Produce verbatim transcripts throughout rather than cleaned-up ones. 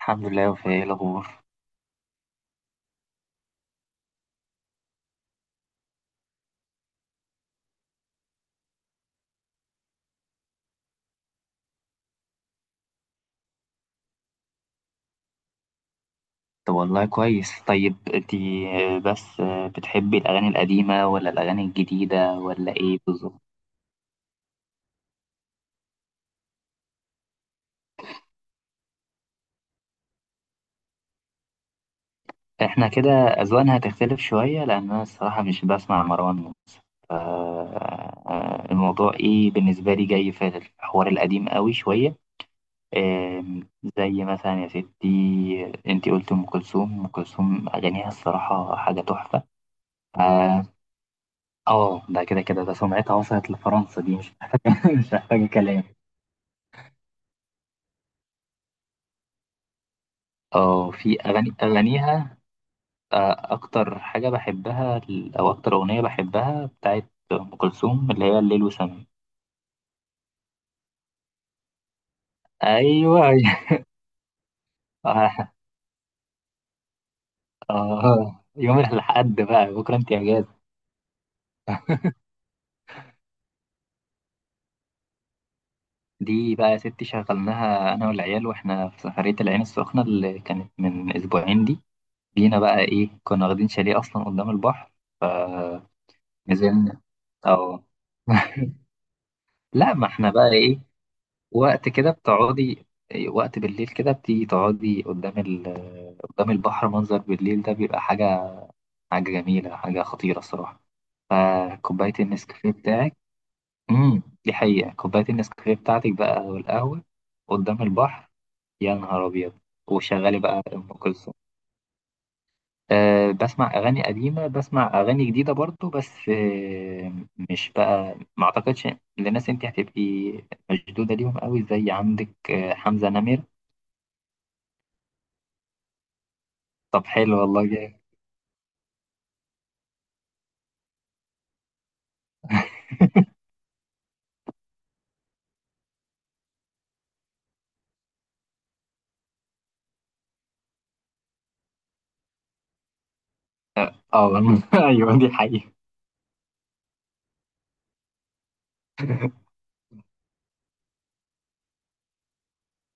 الحمد لله يا وفاء، ايه الاخبار؟ طب والله كويس. طيب انتي آه، بس آه، بتحبي الاغاني القديمه ولا الاغاني الجديده ولا ايه بالظبط؟ احنا كده اذواقنا هتختلف شويه لان انا الصراحه مش بسمع مروان. ف آه، الموضوع ايه بالنسبه لي؟ جاي في الحوار القديم قوي شويه. آم، زي مثلا يا ستي انتي قلت ام كلثوم. ام كلثوم اغانيها الصراحه حاجه تحفه. ف- اه ده كده كده ده سمعتها وصلت لفرنسا. دي مش محتاجه مش محتاجه كلام. اه في اغاني اغانيها. آه، اكتر حاجه بحبها ال- او اكتر اغنيه بحبها بتاعت ام كلثوم اللي هي الليل وسماه. ايوه، أيوة. اه. آه. يوم الحد بقى، بكره انت اجازه. دي بقى يا ستي شغلناها انا والعيال واحنا في سفريه العين السخنه اللي كانت من اسبوعين دي. جينا بقى ايه، كنا واخدين شاليه اصلا قدام البحر، فنزلنا. اه. لا ما احنا بقى ايه، وقت كده بتقعدي، وقت بالليل كده بتيجي تقعدي قدام ال... قدام البحر، منظر بالليل ده بيبقى حاجة، حاجة جميلة، حاجة خطيرة الصراحة. فكوباية النسكافيه بتاعك... امم دي حقيقة. كوباية النسكافيه بتاعتك بقى والقهوة قدام البحر، يا نهار أبيض، وشغالي بقى أم كلثوم. أه، بسمع أغاني قديمة، بسمع أغاني جديدة برضو، بس أه، مش بقى، ما أعتقدش للناس أنت هتبقي مشدودة ليهم قوي، زي عندك آه، حمزة نمرة. طب حلو والله، جامد. اه والله. ايوه دي حقيقة.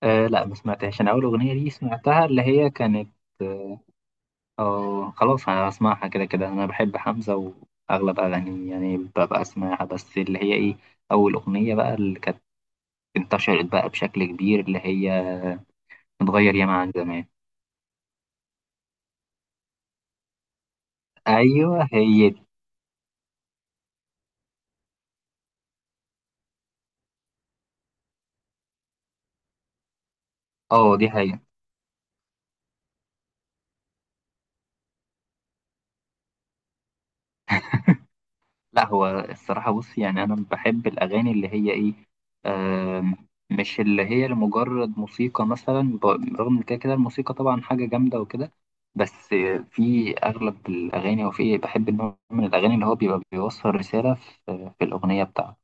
آه لا ما سمعتهاش. انا اول اغنية دي سمعتها اللي هي كانت... اه خلاص، انا بسمعها كده كده. انا بحب حمزة واغلب اغانيه، يعني ببقى اسمعها، بس اللي هي ايه، اول اغنية بقى اللي كانت انتشرت بقى بشكل كبير، اللي هي متغير ياما عن زمان. ايوه هي دي. اه دي حقيقة. لا هو الصراحة بص، يعني أنا بحب الأغاني اللي هي إيه، آم، مش اللي هي لمجرد موسيقى مثلا، ب- رغم إن كده كده الموسيقى طبعا حاجة جامدة وكده، بس في أغلب الأغاني، أو في بحب النوع من الأغاني اللي هو بيبقى بيوصل رسالة في, في الأغنية بتاعته.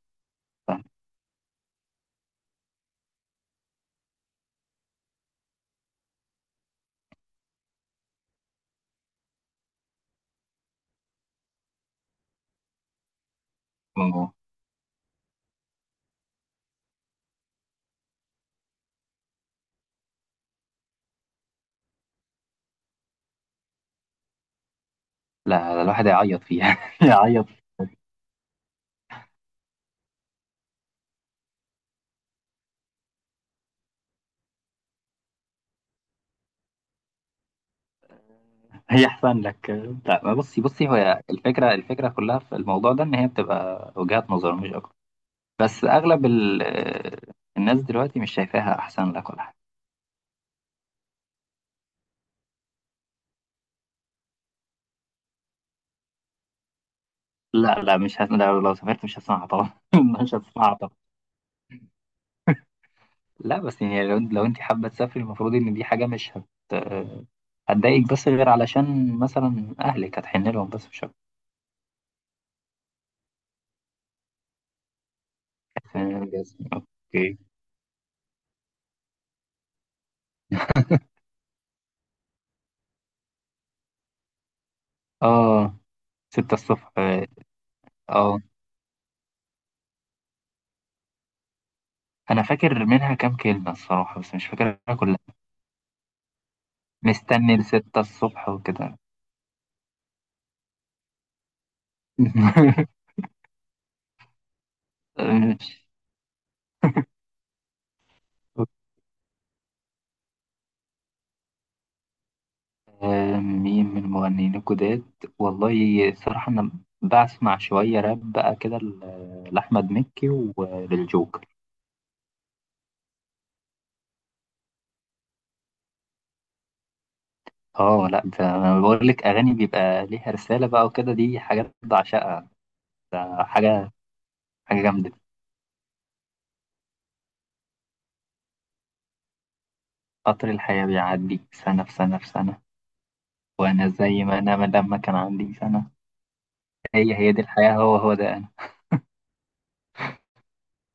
فاهم؟ أوه. لا الواحد يعيط فيها يعيط. هي أحسن لك. لا بصي بصي، هو الفكرة، الفكرة كلها في الموضوع ده إن هي بتبقى وجهات نظر مش أكتر. بس اغلب ال... الناس دلوقتي مش شايفاها احسن لك ولا حاجه. لا لا، مش هس... لو لو سافرت مش هسمعها طبعا، مش هسمعها طبعا. لا بس يعني لو, لو انت حابه تسافري، المفروض ان دي حاجه مش هت... هتضايقك، بس غير علشان مثلا اهلك هتحن لهم، بس مش اكتر. فاهم الجزم. اوكي. اه ستة الصبح. اه انا فاكر منها كام كلمه الصراحه، بس مش فاكرها كلها. مستني لستة الصبح وكده. مش... آه، مين من المغنيين الجداد؟ والله صراحة أنا بسمع شوية راب بقى كده، ل- لأحمد مكي وللجوكر. اه لا، ده أنا بقول لك أغاني بيبقى ليها رسالة بقى وكده، دي حاجات بعشقها. ده حاجة، حاجة جامدة. قطر الحياة بيعدي، سنة في سنة في سنة، وأنا زي ما أنا لما كان عندي سنة. هي هي دي الحياة، هو هو ده أنا.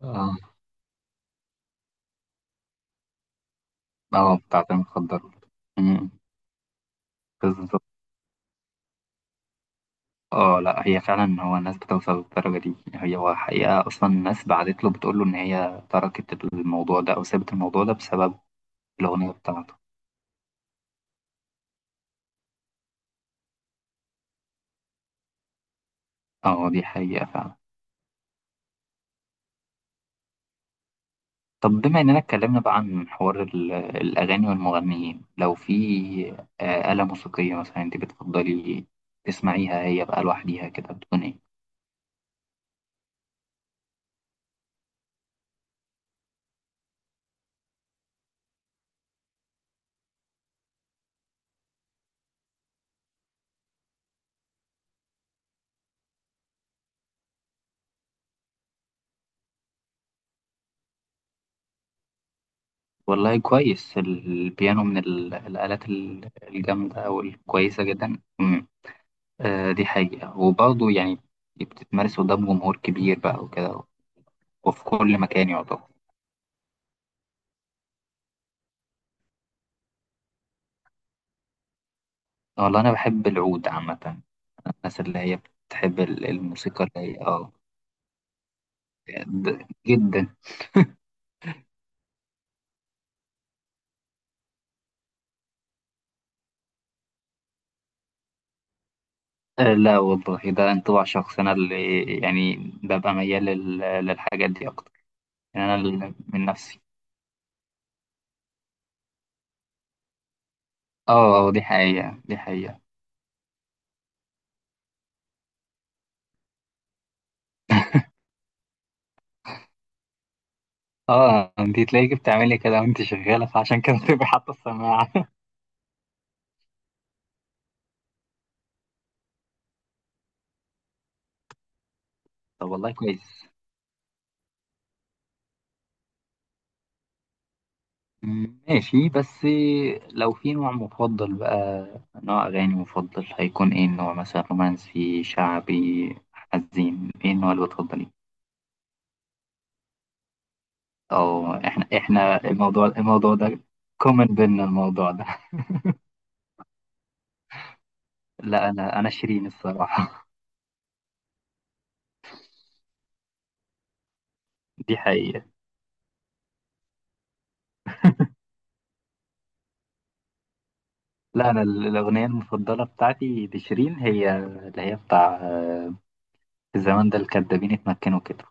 اه. اه بتاعت المخدرات. أمم، بالظبط. اه لا هي فعلا، هو الناس بتوصل للدرجة دي. هي هو حقيقة أصلا الناس بعتت له بتقول له إن هي تركت الموضوع ده أو سابت الموضوع ده بسبب الأغنية بتاعته. اه دي حقيقة فعلا. طب بما إننا اتكلمنا بقى عن حوار ال- الأغاني والمغنيين، لو في آه، آلة موسيقية مثلا أنت بتفضلي تسمعيها هي بقى لوحديها كده، بتكون إيه؟ والله كويس، البيانو من ال- الآلات ال- الجامدة والكويسة جدا. آه، دي حقيقة. وبرضه يعني بتتمارس قدام جمهور كبير بقى وكده، وفي كل مكان يعتبر. والله أنا بحب العود عامة، الناس اللي هي بتحب ال- الموسيقى اللي هي اه د- جدا. آه، لا والله ده انطباع شخصي أنا، اللي يعني ببقى ميال لل- للحاجات دي أكتر. يعني أنا ال- من نفسي اه، آه، دي حقيقة، دي حقيقة. اه انتي تلاقيكي بتعملي كده وانتي شغالة، فعشان كده بتبقي حاطة السماعة. طب والله كويس. ماشي، بس لو في نوع مفضل بقى، نوع أغاني مفضل هيكون إيه النوع؟ مثلا رومانسي، شعبي، حزين، إيه النوع اللي بتفضليه؟ أو إحنا، إحنا الموضوع، الموضوع ده كومن بينا، الموضوع ده. لا أنا، أنا شيرين الصراحة. دي حقيقة. لا أنا ال- الأغنية المفضلة بتاعتي لشيرين هي اللي هي بتاع آه، في الزمان ده الكدابين اتمكنوا كده.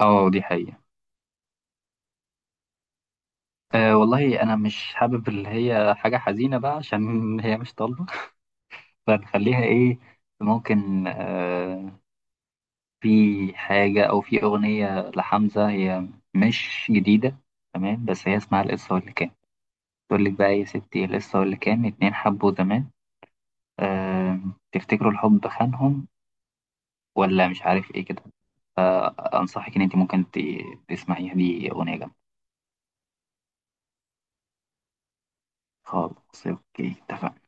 أه دي حقيقة. أه والله أنا مش حابب اللي هي حاجة حزينة بقى، عشان هي مش طالبة، فنخليها ايه، ممكن آه، في حاجة أو في أغنية لحمزة، هي مش جديدة تمام، بس هي اسمها القصة واللي كان. تقول لك بقى إيه يا ستي، القصة واللي كان اتنين حبوا زمان، آه، تفتكروا الحب خانهم، ولا مش عارف ايه كده. أنصحك إن انت ممكن ت- تسمعيها، دي أغنية جامدة. خلاص اوكي، اتفقنا.